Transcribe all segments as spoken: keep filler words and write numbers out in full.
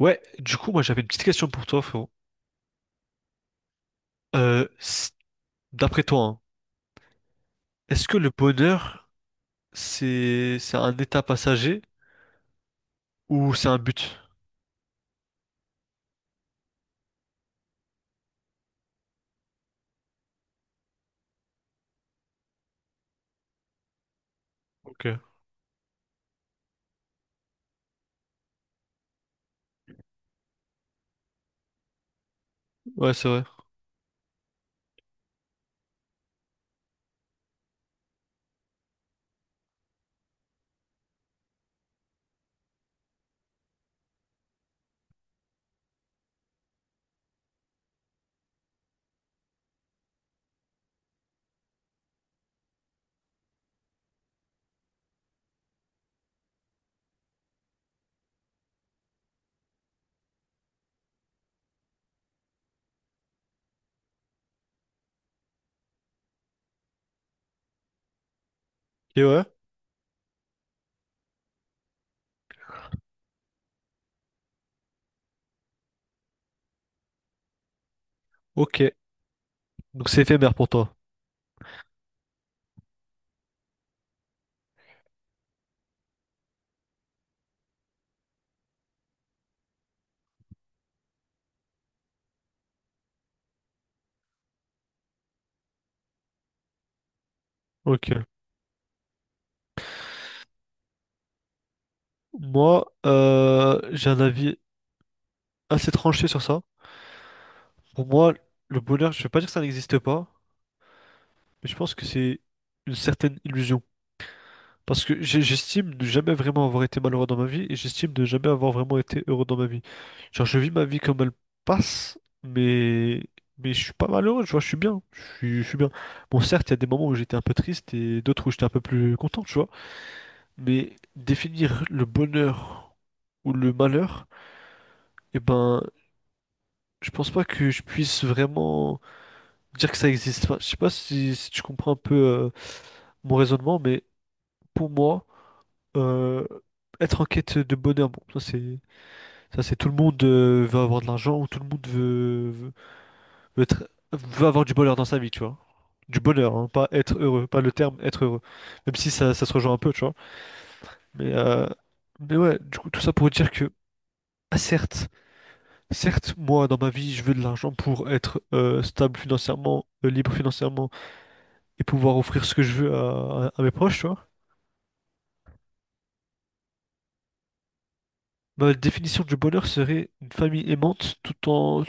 Ouais, du coup, moi j'avais une petite question pour toi, frérot. Euh, s- D'après toi, hein, est-ce que le bonheur, c'est c'est un état passager ou c'est un but? Ok. Ouais, c'est vrai. Et ouais. Ok. Donc c'est éphémère pour toi. Ok. Moi, euh, j'ai un avis assez tranché sur ça. Pour moi, le bonheur, je vais pas dire que ça n'existe pas, mais je pense que c'est une certaine illusion. Parce que j'ai- j'estime ne jamais vraiment avoir été malheureux dans ma vie et j'estime ne jamais avoir vraiment été heureux dans ma vie. Genre, je vis ma vie comme elle passe, mais, mais je suis pas malheureux, tu vois, je suis bien. Je suis, je suis bien. Bon, certes, il y a des moments où j'étais un peu triste et d'autres où j'étais un peu plus content, tu vois. Mais définir le bonheur ou le malheur, eh ben, je pense pas que je puisse vraiment dire que ça existe pas. Je sais pas si, si tu comprends un peu euh, mon raisonnement, mais pour moi, euh, être en quête de bonheur, bon, ça c'est ça c'est tout le monde euh, veut avoir de l'argent ou tout le monde veut, veut, veut être- veut avoir du bonheur dans sa vie, tu vois. Du bonheur, hein, pas être heureux, pas le terme être heureux. Même si ça, ça se rejoint un peu, tu vois. Mais, euh, mais ouais, du coup, tout ça pour dire que, ah, certes, certes, moi, dans ma vie, je veux de l'argent pour être euh, stable financièrement, euh, libre financièrement et pouvoir offrir ce que je veux à, à mes proches, tu vois. Ma définition du bonheur serait une famille aimante tout en,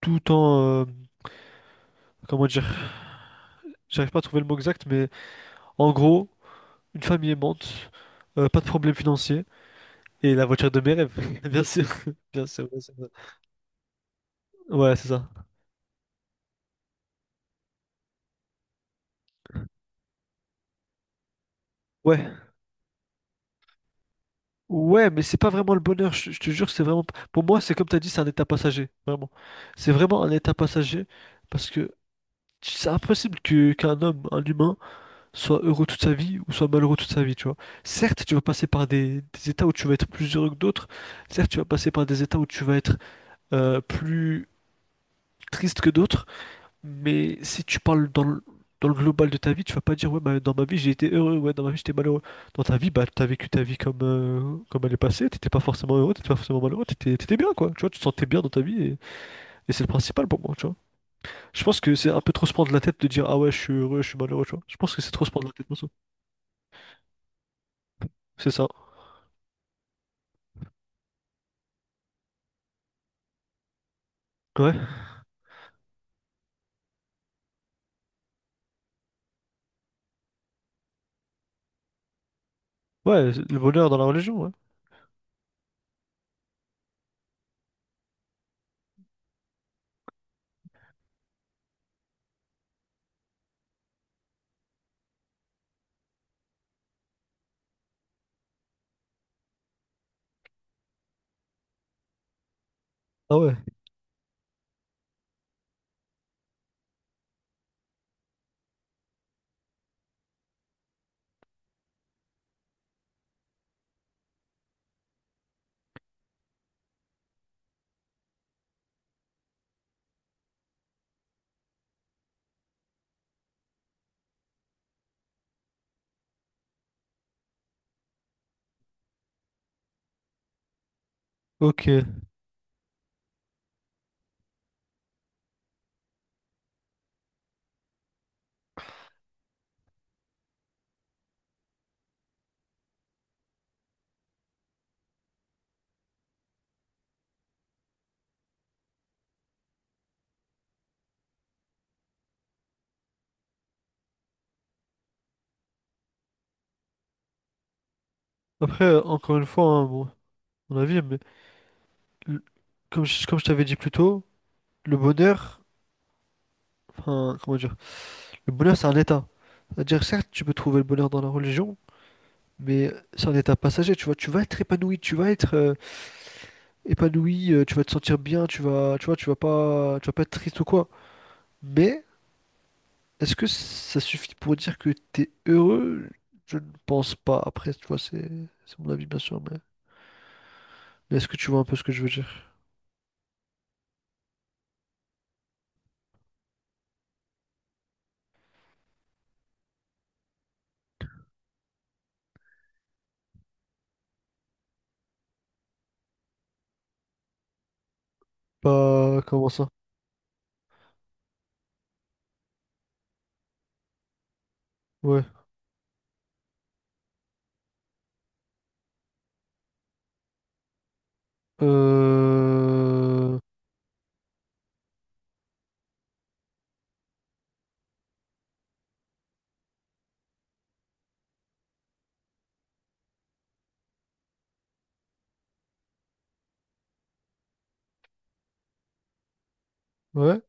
tout en, euh, comment dire, j'arrive pas à trouver le mot exact, mais en gros, une famille aimante, euh, pas de problème financier et la voiture de mes rêves, bien sûr, bien sûr, bien sûr. Ouais, c'est ça. Ouais, ouais, mais c'est pas vraiment le bonheur, je, je te jure, c'est vraiment, pour moi, c'est comme t'as dit, c'est un état passager, vraiment. C'est vraiment un état passager parce que c'est impossible que qu'un homme, un humain soit heureux toute sa vie ou soit malheureux toute sa vie, tu vois. Certes, tu vas passer par des, des états où tu vas être plus heureux que d'autres, certes, tu vas passer par des états où tu vas être euh, plus triste que d'autres, mais si tu parles dans le, dans le global de ta vie, tu vas pas dire, ouais, bah, dans ma vie j'ai été heureux, ouais, dans ma vie j'étais malheureux. Dans ta vie, bah, t'as vécu ta vie comme, euh, comme elle est passée, t'étais pas forcément heureux, t'étais pas forcément malheureux, t'étais, t'étais bien, quoi. Tu vois, tu te sentais bien dans ta vie et, et c'est le principal pour moi, tu vois. Je pense que c'est un peu trop se prendre la tête de dire, ah ouais, je suis heureux, je suis malheureux, tu vois. Je pense que c'est trop se prendre la tête, perso. C'est ça. Ouais. Ouais, le bonheur dans la religion, ouais. Ah ouais, ok. Après, euh, encore une fois, hein, bon, mon avis, mais le- comme je, comme je t'avais dit plus tôt, le bonheur, enfin, comment dire, le bonheur, c'est un état. C'est-à-dire, certes, tu peux trouver le bonheur dans la religion, mais c'est un état passager, tu vois, tu vas être épanoui, tu vas être euh, épanoui, euh, tu vas te sentir bien, tu vas, tu vois, tu vas pas, tu vas pas être triste ou quoi. Mais, est-ce que ça suffit pour dire que t'es heureux? Je ne pense pas. Après, tu vois, c'est, c'est mon avis, bien sûr, mais mais est-ce que tu vois un peu ce que je veux dire? Bah, comment ça? Ouais. Euh... Ouais.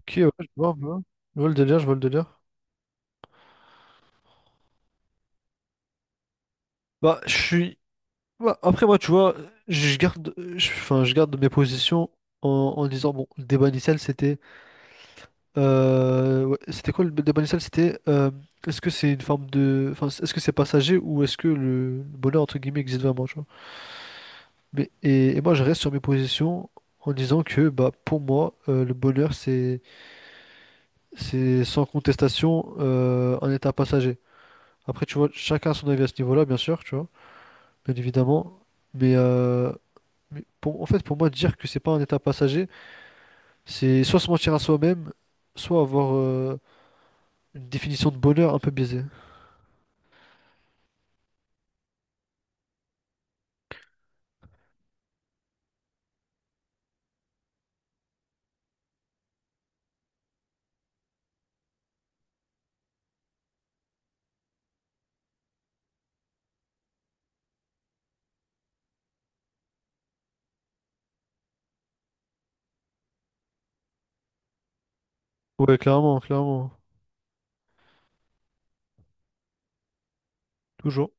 Ok, ouais, je vois, je vois. Je vois le délire, je vois le délire. Bah, je suis... bah, après, moi, tu vois, je garde, je- enfin, je garde mes positions en, en disant, bon, le débat initial, c'était... euh, ouais, c'était quoi le débat initial? C'était, euh, est-ce que c'est une forme de... Enfin, est-ce que c'est passager ou est-ce que le le bonheur, entre guillemets, existe vraiment, tu vois? Mais, et, et moi, je reste sur mes positions en disant que, bah, pour moi, euh, le bonheur, c'est... C'est sans contestation euh, un état passager. Après, tu vois, chacun a son avis à ce niveau-là, bien sûr, tu vois, bien évidemment. Mais, euh, mais pour, en fait, pour moi, dire que c'est pas un état passager, c'est soit se mentir à soi-même, soit avoir euh, une définition de bonheur un peu biaisée. Ouais, clairement, clairement, toujours.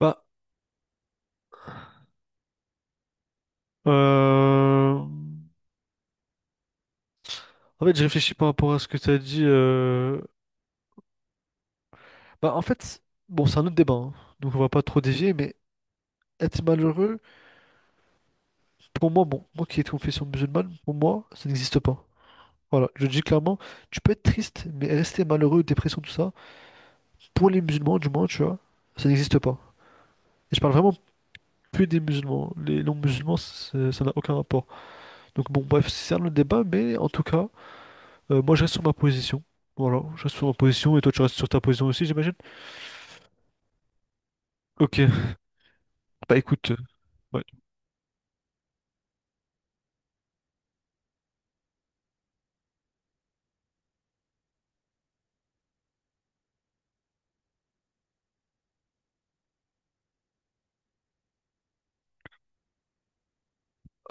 Bah, euh... en fait, je réfléchis par rapport à ce que tu as dit. Euh, Bah, en fait, bon, c'est un autre débat, hein, donc on va pas trop dévier, mais être malheureux. Pour moi, bon, moi qui ai de confession musulmane, pour moi, ça n'existe pas. Voilà, je le dis clairement, tu peux être triste, mais rester malheureux, dépression, tout ça, pour les musulmans, du moins, tu vois, ça n'existe pas. Et je parle vraiment que des musulmans. Les non-musulmans, c'est- ça n'a aucun rapport. Donc bon, bref, c'est un autre débat, mais en tout cas, euh, moi je reste sur ma position. Voilà, je reste sur ma position, et toi tu restes sur ta position aussi, j'imagine? Ok, bah écoute, euh, ouais.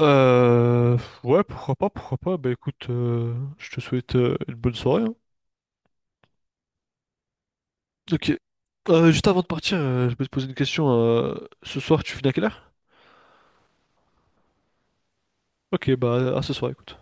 Euh, ouais, pourquoi pas, pourquoi pas, bah écoute, euh, je te souhaite euh, une bonne soirée, hein. Ok. Euh, juste avant de partir, euh, je peux te poser une question. Euh, ce soir, tu finis à quelle heure? Ok, bah à ce soir, écoute.